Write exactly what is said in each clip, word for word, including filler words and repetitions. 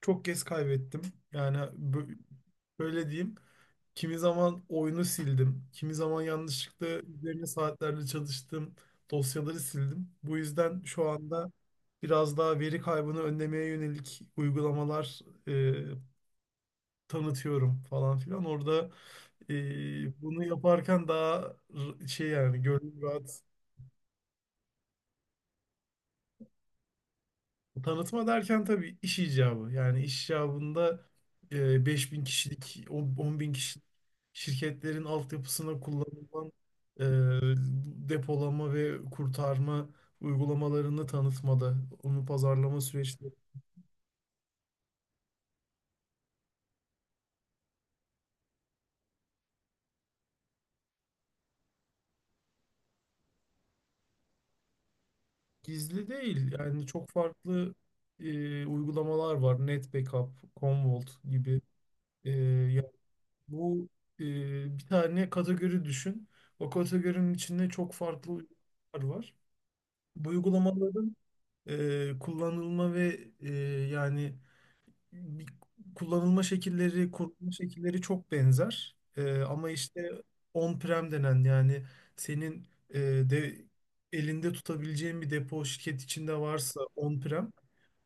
Çok kez kaybettim. Yani bö- böyle diyeyim. Kimi zaman oyunu sildim. Kimi zaman yanlışlıkla üzerine saatlerle çalıştığım dosyaları sildim. Bu yüzden şu anda biraz daha veri kaybını önlemeye yönelik uygulamalar e, tanıtıyorum falan filan. Orada e, bunu yaparken daha r- şey yani gönlüm rahat. Tanıtma derken tabii iş icabı. Yani iş icabında e, beş bin kişilik, on bin kişilik şirketlerin altyapısına kullanılan e, depolama ve kurtarma uygulamalarını tanıtmada, onu pazarlama süreçleri gizli değil. Yani çok farklı e, uygulamalar var. NetBackup, Commvault gibi. E, ya bu e, bir tane kategori düşün. O kategorinin içinde çok farklı uygulamalar var. Bu uygulamaların e, kullanılma ve e, yani bir- kullanılma şekilleri, kurulma şekilleri çok benzer. E, ama işte on-prem denen yani senin e, de elinde tutabileceğin bir depo şirket içinde varsa on-prem,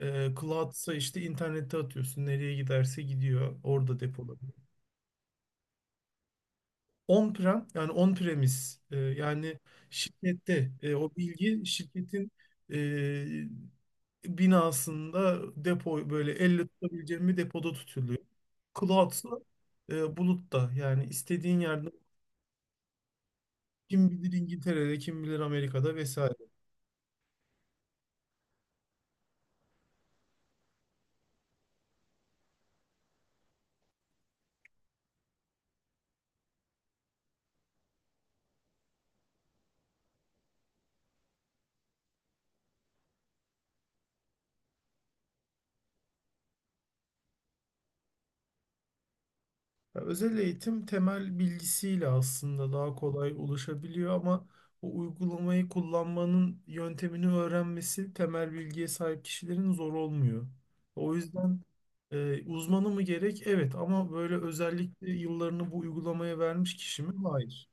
e, cloud'sa işte internette atıyorsun. Nereye giderse gidiyor. Orada depolanıyor. On-prem yani on-premise, e, yani şirkette e, o bilgi şirketin binasında depo böyle elle tutabileceğim bir depoda tutuluyor. Cloud'sa e, bulutta yani istediğin yerde kim bilir İngiltere'de kim bilir Amerika'da vesaire. Ya özel eğitim temel bilgisiyle aslında daha kolay ulaşabiliyor ama o uygulamayı kullanmanın yöntemini öğrenmesi temel bilgiye sahip kişilerin zor olmuyor. O yüzden e, uzmanı mı gerek? Evet ama böyle özellikle yıllarını bu uygulamaya vermiş kişi mi? Hayır.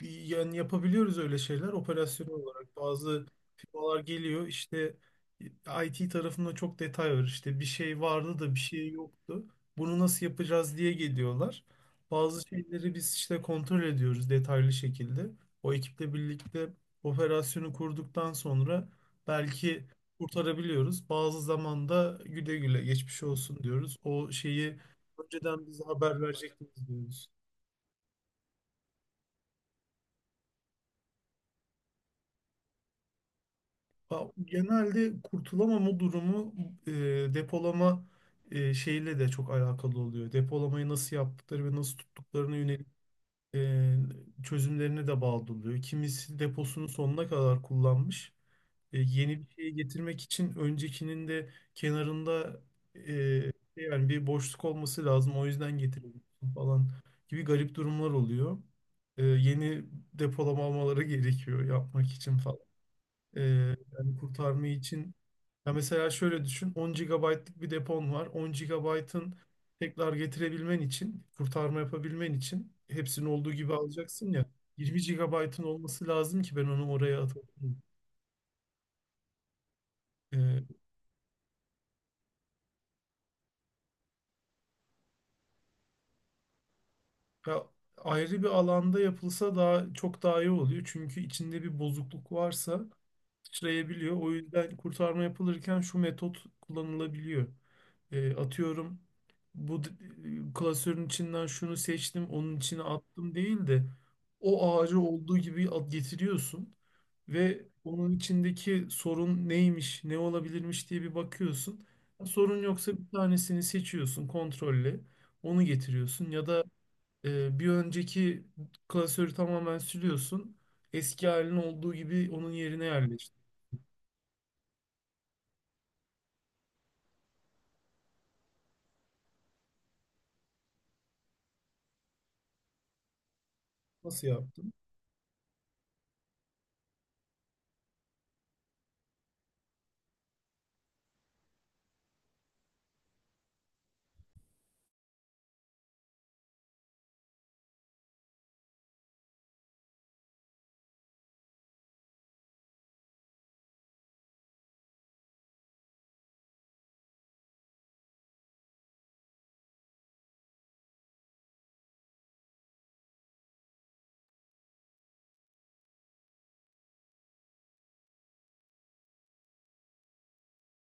bir- yani yapabiliyoruz öyle şeyler operasyonel olarak. Bazı firmalar geliyor işte I T tarafında çok detay var. İşte bir şey vardı da bir şey yoktu. Bunu nasıl yapacağız diye geliyorlar. Bazı şeyleri biz işte kontrol ediyoruz detaylı şekilde. O ekiple birlikte operasyonu kurduktan sonra belki kurtarabiliyoruz. Bazı zamanda güle güle geçmiş olsun diyoruz. O şeyi önceden bize haber verecektiniz diyoruz. Ya, genelde kurtulamama durumu e, depolama e, şeyle de çok alakalı oluyor. Depolamayı nasıl yaptıkları ve nasıl tuttuklarına yönelik e, çözümlerine de bağlı oluyor. Kimisi deposunu sonuna kadar kullanmış. E, yeni bir şey getirmek için öncekinin de kenarında e, yani bir boşluk olması lazım. O yüzden getiriyorsun falan gibi garip durumlar oluyor. E, yeni depolama almaları gerekiyor yapmak için falan. Ee, yani kurtarmayı için. Ya mesela şöyle düşün. on gigabaytlık bir depon var. on gigabaytın tekrar getirebilmen için, kurtarma yapabilmen için hepsini olduğu gibi alacaksın ya. Yirmi gigabaytın olması lazım ki ben onu oraya atayım. Ee, ya ayrı bir alanda yapılsa daha çok daha iyi oluyor. Çünkü içinde bir bozukluk varsa sıçrayabiliyor. O yüzden kurtarma yapılırken şu metot kullanılabiliyor. E, atıyorum bu d- e, klasörün içinden şunu seçtim, onun içine attım değil de o ağacı olduğu gibi at getiriyorsun ve onun içindeki sorun neymiş, ne olabilirmiş diye bir bakıyorsun. Sorun yoksa bir tanesini seçiyorsun kontrolle, onu getiriyorsun ya da e, bir önceki klasörü tamamen siliyorsun. Eski halinin olduğu gibi onun yerine yerleştir. Nasıl yaptın?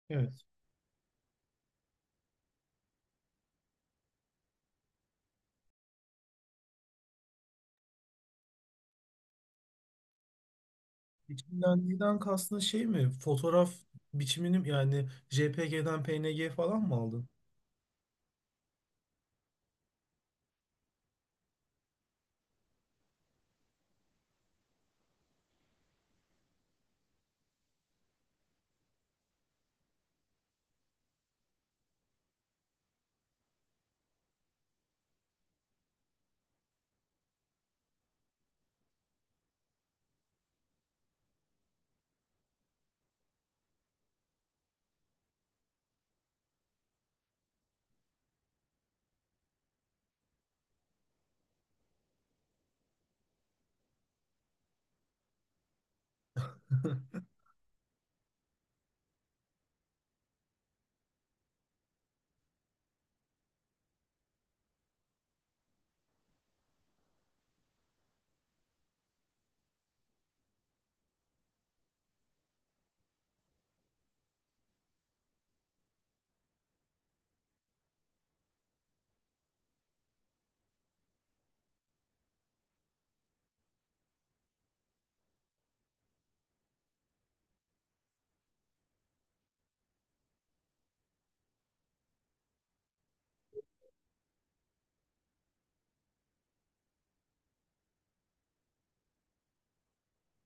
Evet. Biçimlendiğinden kastın şey mi? Fotoğraf biçimini yani J P G'den P N G falan mı aldın?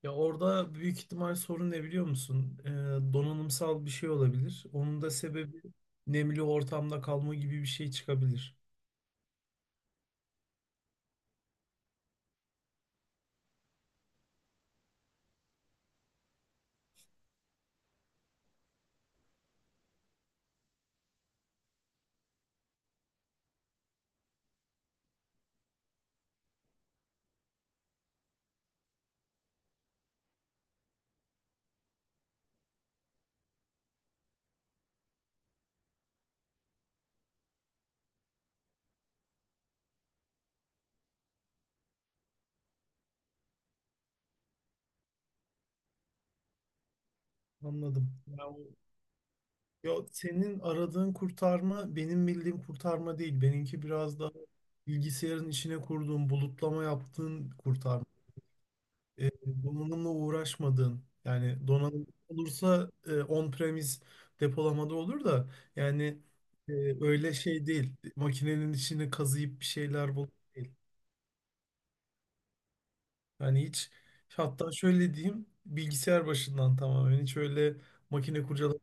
Ya orada büyük ihtimal sorun ne biliyor musun? Ee, donanımsal bir şey olabilir. Onun da sebebi nemli ortamda kalma gibi bir şey çıkabilir. Anladım. Ya, o- ya senin aradığın kurtarma benim bildiğim kurtarma değil. Benimki biraz daha bilgisayarın içine kurduğum bulutlama yaptığın kurtarma. e, donanımla uğraşmadığın yani donanım olursa e, on-premise depolamada olur da yani e, öyle şey değil. Makinenin içini kazıyıp bir şeyler bul değil. Yani hiç, hatta şöyle diyeyim, bilgisayar başından tamamen, hiç öyle makine kurcalama.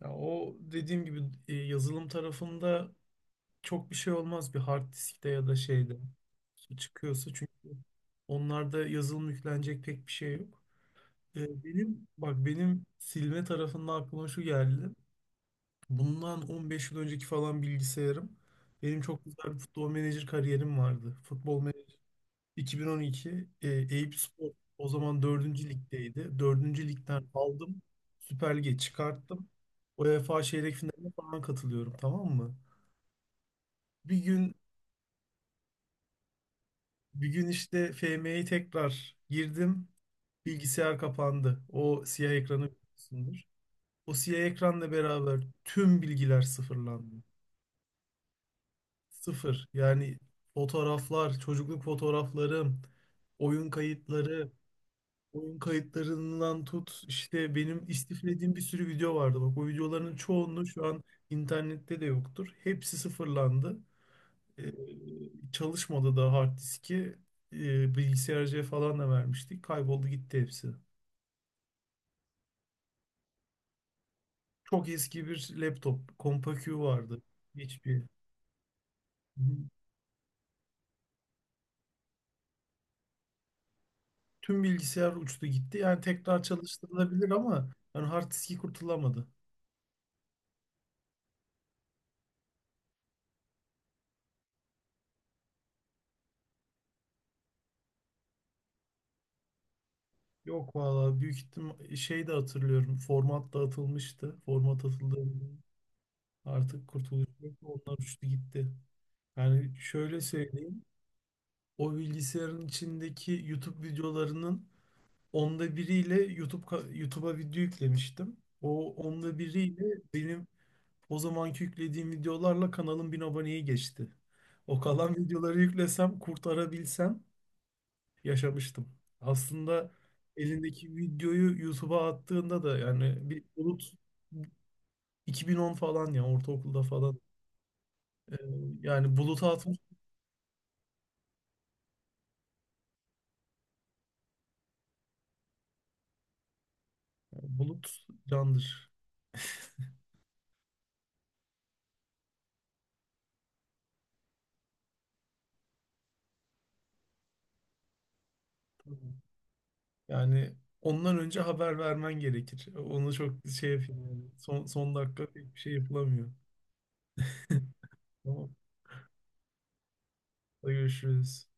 Ya o dediğim gibi e, yazılım tarafında çok bir şey olmaz bir hard diskte ya da şeyde çıkıyorsa çünkü onlarda yazılım yüklenecek pek bir şey yok. E, Benim bak benim silme tarafında aklıma şu geldi. Bundan on beş yıl önceki falan bilgisayarım. Benim çok güzel bir futbol menajer kariyerim vardı. Futbol menajer iki bin on iki, e, Eyüp Spor o zaman dördüncü ligdeydi. Dördüncü ligden aldım. Süper Lig'e çıkarttım. UEFA çeyrek finaline falan katılıyorum, tamam mı? Bir gün bir gün işte F M'ye tekrar girdim. Bilgisayar kapandı. O siyah ekranı biliyorsundur. O siyah ekranla beraber tüm bilgiler sıfırlandı. Sıfır. Yani fotoğraflar, çocukluk fotoğraflarım, oyun kayıtları, oyun kayıtlarından tut işte benim istiflediğim bir sürü video vardı. Bak o videoların çoğunluğu şu an internette de yoktur. Hepsi sıfırlandı. Ee, çalışmadı da hard diski. Ee, bilgisayarcıya falan da vermiştik. Kayboldu gitti hepsi. Çok eski bir laptop. Compaq vardı. H P. Tüm bilgisayar uçtu gitti. Yani tekrar çalıştırılabilir ama yani hard diski kurtulamadı. Yok valla büyük ihtim şey de hatırlıyorum. Format da atılmıştı. Format atıldı. Artık kurtuluş yok. Onlar uçtu gitti. Yani şöyle söyleyeyim. O bilgisayarın içindeki YouTube videolarının onda biriyle YouTube ka- YouTube'a video yüklemiştim. O onda biriyle benim o zamanki yüklediğim videolarla kanalın bin aboneye geçti. O kalan videoları yüklesem, kurtarabilsem yaşamıştım. Aslında elindeki videoyu YouTube'a attığında da yani bir bulut iki bin on falan, ya ortaokulda falan. Ee, yani buluta atmış, bulut candır. Yani ondan önce haber vermen gerekir. Onu çok şey yapayım yani. Son, son dakika pek bir şey yapılamıyor. Tamam. Hadi görüşürüz.